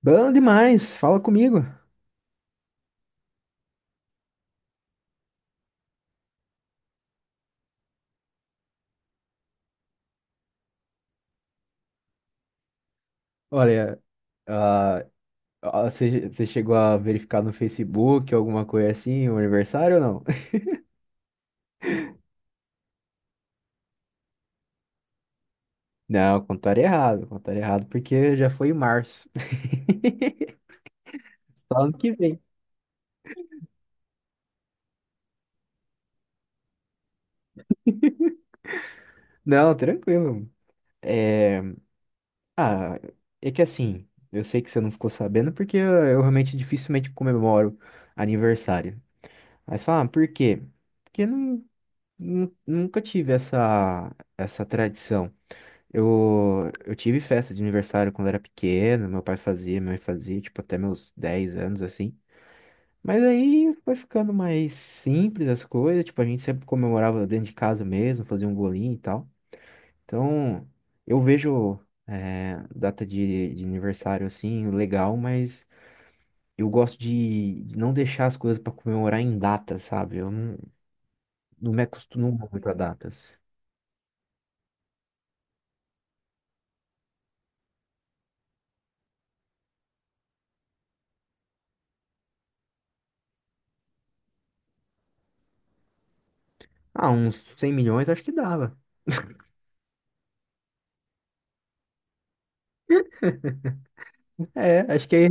Bom demais, fala comigo. Olha, ah, você chegou a verificar no Facebook alguma coisa assim, o aniversário ou não? Não, contaram errado porque já foi em março. Só ano que vem. Não, tranquilo. É, ah, É que assim, eu sei que você não ficou sabendo porque eu realmente dificilmente comemoro aniversário. Aí você fala, ah, por quê? Porque não, nunca tive essa tradição. Eu tive festa de aniversário quando era pequeno, meu pai fazia, minha mãe fazia, tipo, até meus 10 anos, assim. Mas aí foi ficando mais simples as coisas, tipo, a gente sempre comemorava dentro de casa mesmo, fazia um bolinho e tal. Então, eu vejo, data de aniversário, assim, legal, mas eu gosto de não deixar as coisas pra comemorar em datas, sabe? Eu não, Não me acostumo muito a datas. Ah, uns 100 milhões acho que dava. É, acho que aí.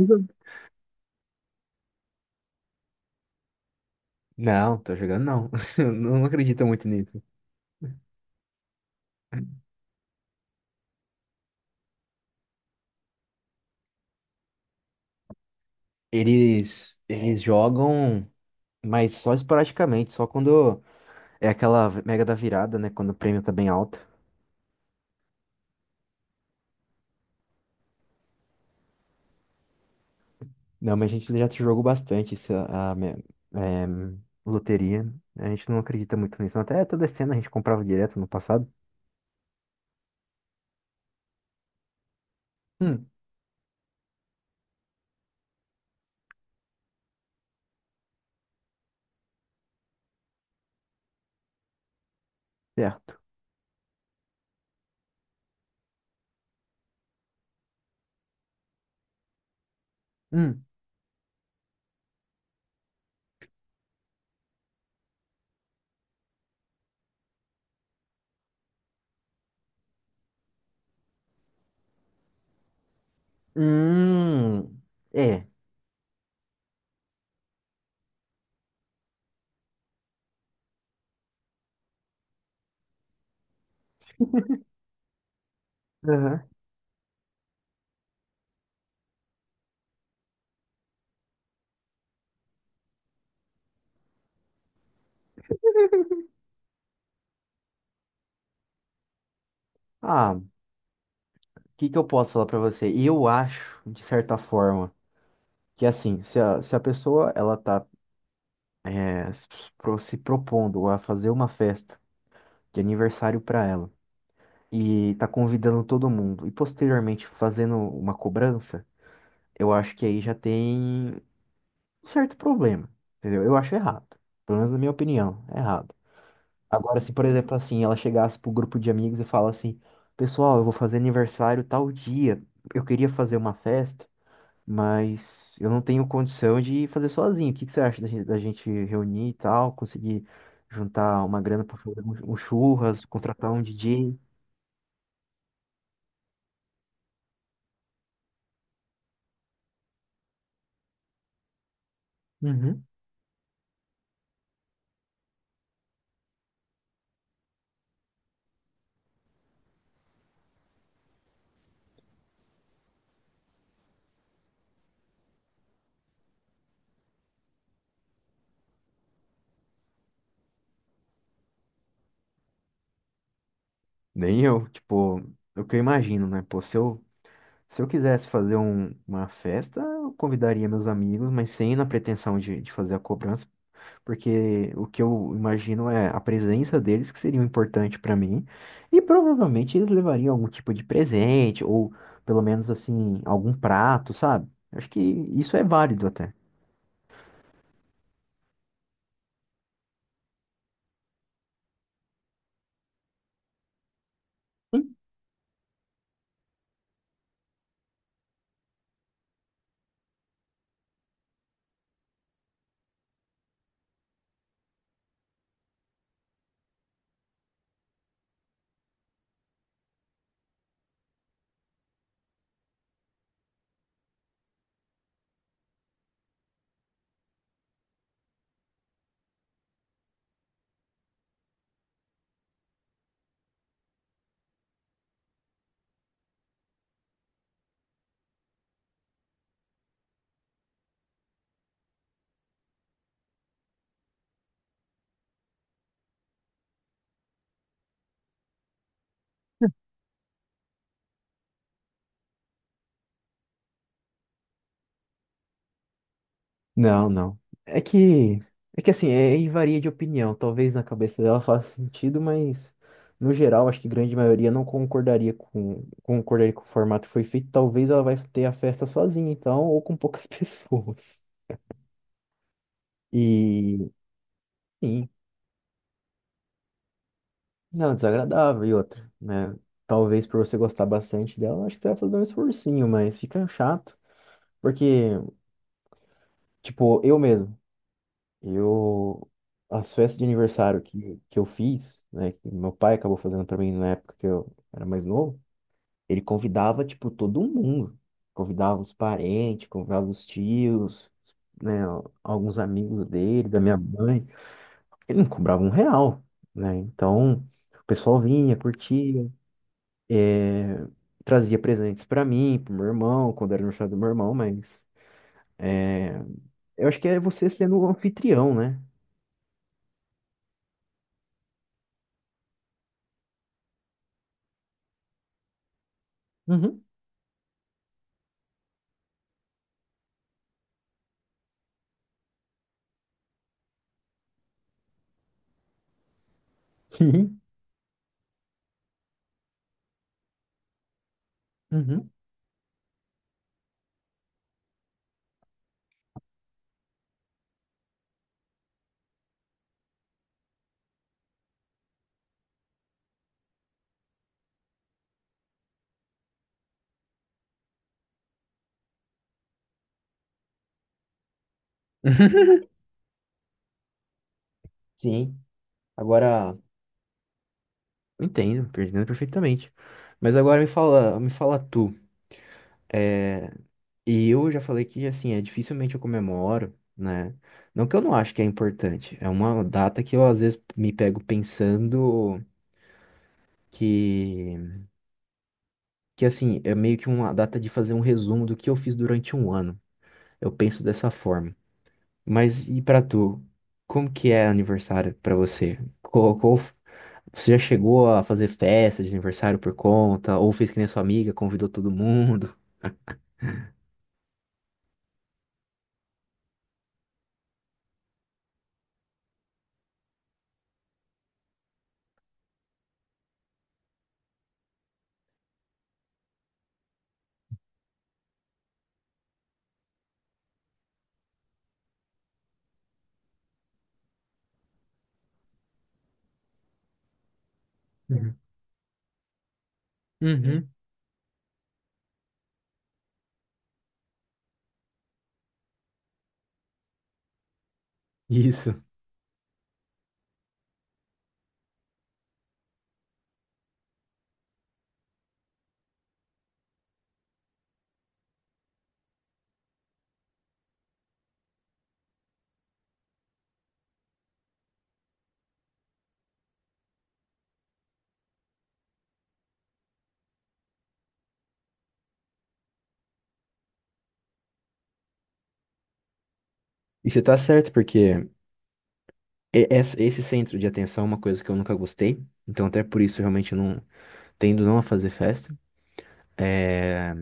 Não, tô jogando não. Eu não acredito muito nisso. Eles jogam, mas só esporadicamente, só quando é aquela mega da virada, né? Quando o prêmio tá bem alto. Não, mas a gente já jogou bastante essa, a, me- é, loteria. A gente não acredita muito nisso. Até toda cena a gente comprava direto no passado. Hum, certo. Hum. Hum. É. Aham. Ah, o que que eu posso falar pra você? Eu acho, de certa forma, que assim, se a pessoa ela tá é, se se propondo a fazer uma festa de aniversário para ela e tá convidando todo mundo e posteriormente fazendo uma cobrança, eu acho que aí já tem um certo problema, entendeu? Eu acho errado, pelo menos na minha opinião, é errado. Agora, se por exemplo assim, ela chegasse pro grupo de amigos e fala assim, pessoal, eu vou fazer aniversário tal dia, eu queria fazer uma festa mas eu não tenho condição de fazer sozinho. O que que você acha da gente reunir e tal, conseguir juntar uma grana para fazer um churras, contratar um DJ? Uhum. Nem eu, tipo, é o que eu imagino, né? Pô, se eu quisesse fazer uma festa, eu convidaria meus amigos, mas sem na pretensão de fazer a cobrança. Porque o que eu imagino é a presença deles que seria importante para mim, e provavelmente eles levariam algum tipo de presente, ou pelo menos assim, algum prato, sabe? Acho que isso é válido até. Sim. Não, não. É que É que assim, e varia de opinião. Talvez na cabeça dela faça sentido, mas no geral, acho que grande maioria não concordaria com concordaria com o formato que foi feito. Talvez ela vai ter a festa sozinha, então, ou com poucas pessoas. E, sim. Não, desagradável e outra, né? Talvez por você gostar bastante dela, acho que você vai fazer um esforcinho, mas fica chato. Porque, tipo, eu mesmo, eu. As festas de aniversário que eu fiz, né? Que meu pai acabou fazendo pra mim na época que eu era mais novo, ele convidava, tipo, todo mundo. Convidava os parentes, convidava os tios, né? Alguns amigos dele, da minha mãe. Ele não cobrava um real, né? Então, o pessoal vinha, curtia. Trazia presentes pra mim, pro meu irmão, quando era no aniversário do meu irmão, mas eu acho que é você sendo o anfitrião, né? Uhum, sim. Uhum. Sim. Agora, eu entendo, eu entendo perfeitamente. Mas agora me fala tu. É, e eu já falei que assim, é dificilmente eu comemoro, né? Não que eu não acho que é importante. É uma data que eu às vezes me pego pensando que, que assim, é meio que uma data de fazer um resumo do que eu fiz durante 1 ano. Eu penso dessa forma. Mas e pra tu? Como que é aniversário pra você? Você já chegou a fazer festa de aniversário por conta? Ou fez que nem a sua amiga, convidou todo mundo? Uhum. Uhum. Isso. E você tá certo, porque esse centro de atenção é uma coisa que eu nunca gostei. Então, até por isso, eu realmente não tendo não a fazer festa. É,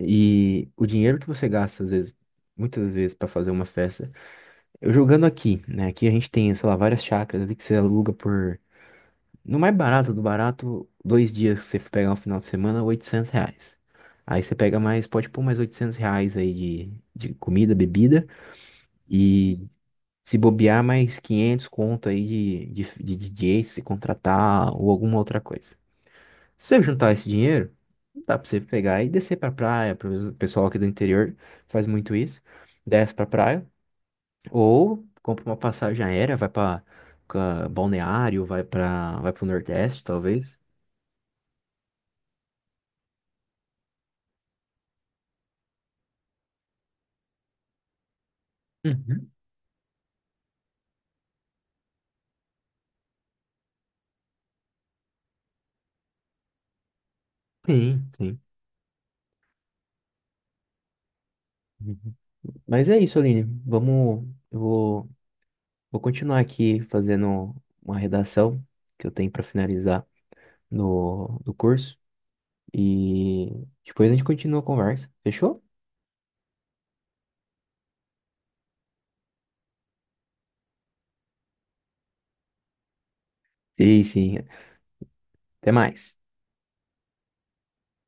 e o dinheiro que você gasta, às vezes, muitas vezes, pra fazer uma festa. Eu jogando aqui, né? Aqui a gente tem, sei lá, várias chácaras ali que você aluga por. No mais barato do barato, dois dias que você for pegar um final de semana, R$ 800. Aí você pega mais, pode pôr mais R$ 800 aí de comida, bebida. E se bobear, mais 500 conto aí de DJ, se contratar ou alguma outra coisa. Se você juntar esse dinheiro, dá pra você pegar e descer pra praia. Pro pessoal aqui do interior faz muito isso. Desce pra praia ou compra uma passagem aérea, vai pra Balneário, vai pro Nordeste, talvez. Uhum. Sim, sim. Uhum. Mas é isso, Aline. Vou continuar aqui fazendo uma redação que eu tenho para finalizar no, do curso. E depois a gente continua a conversa. Fechou? Sim, sim. Até mais.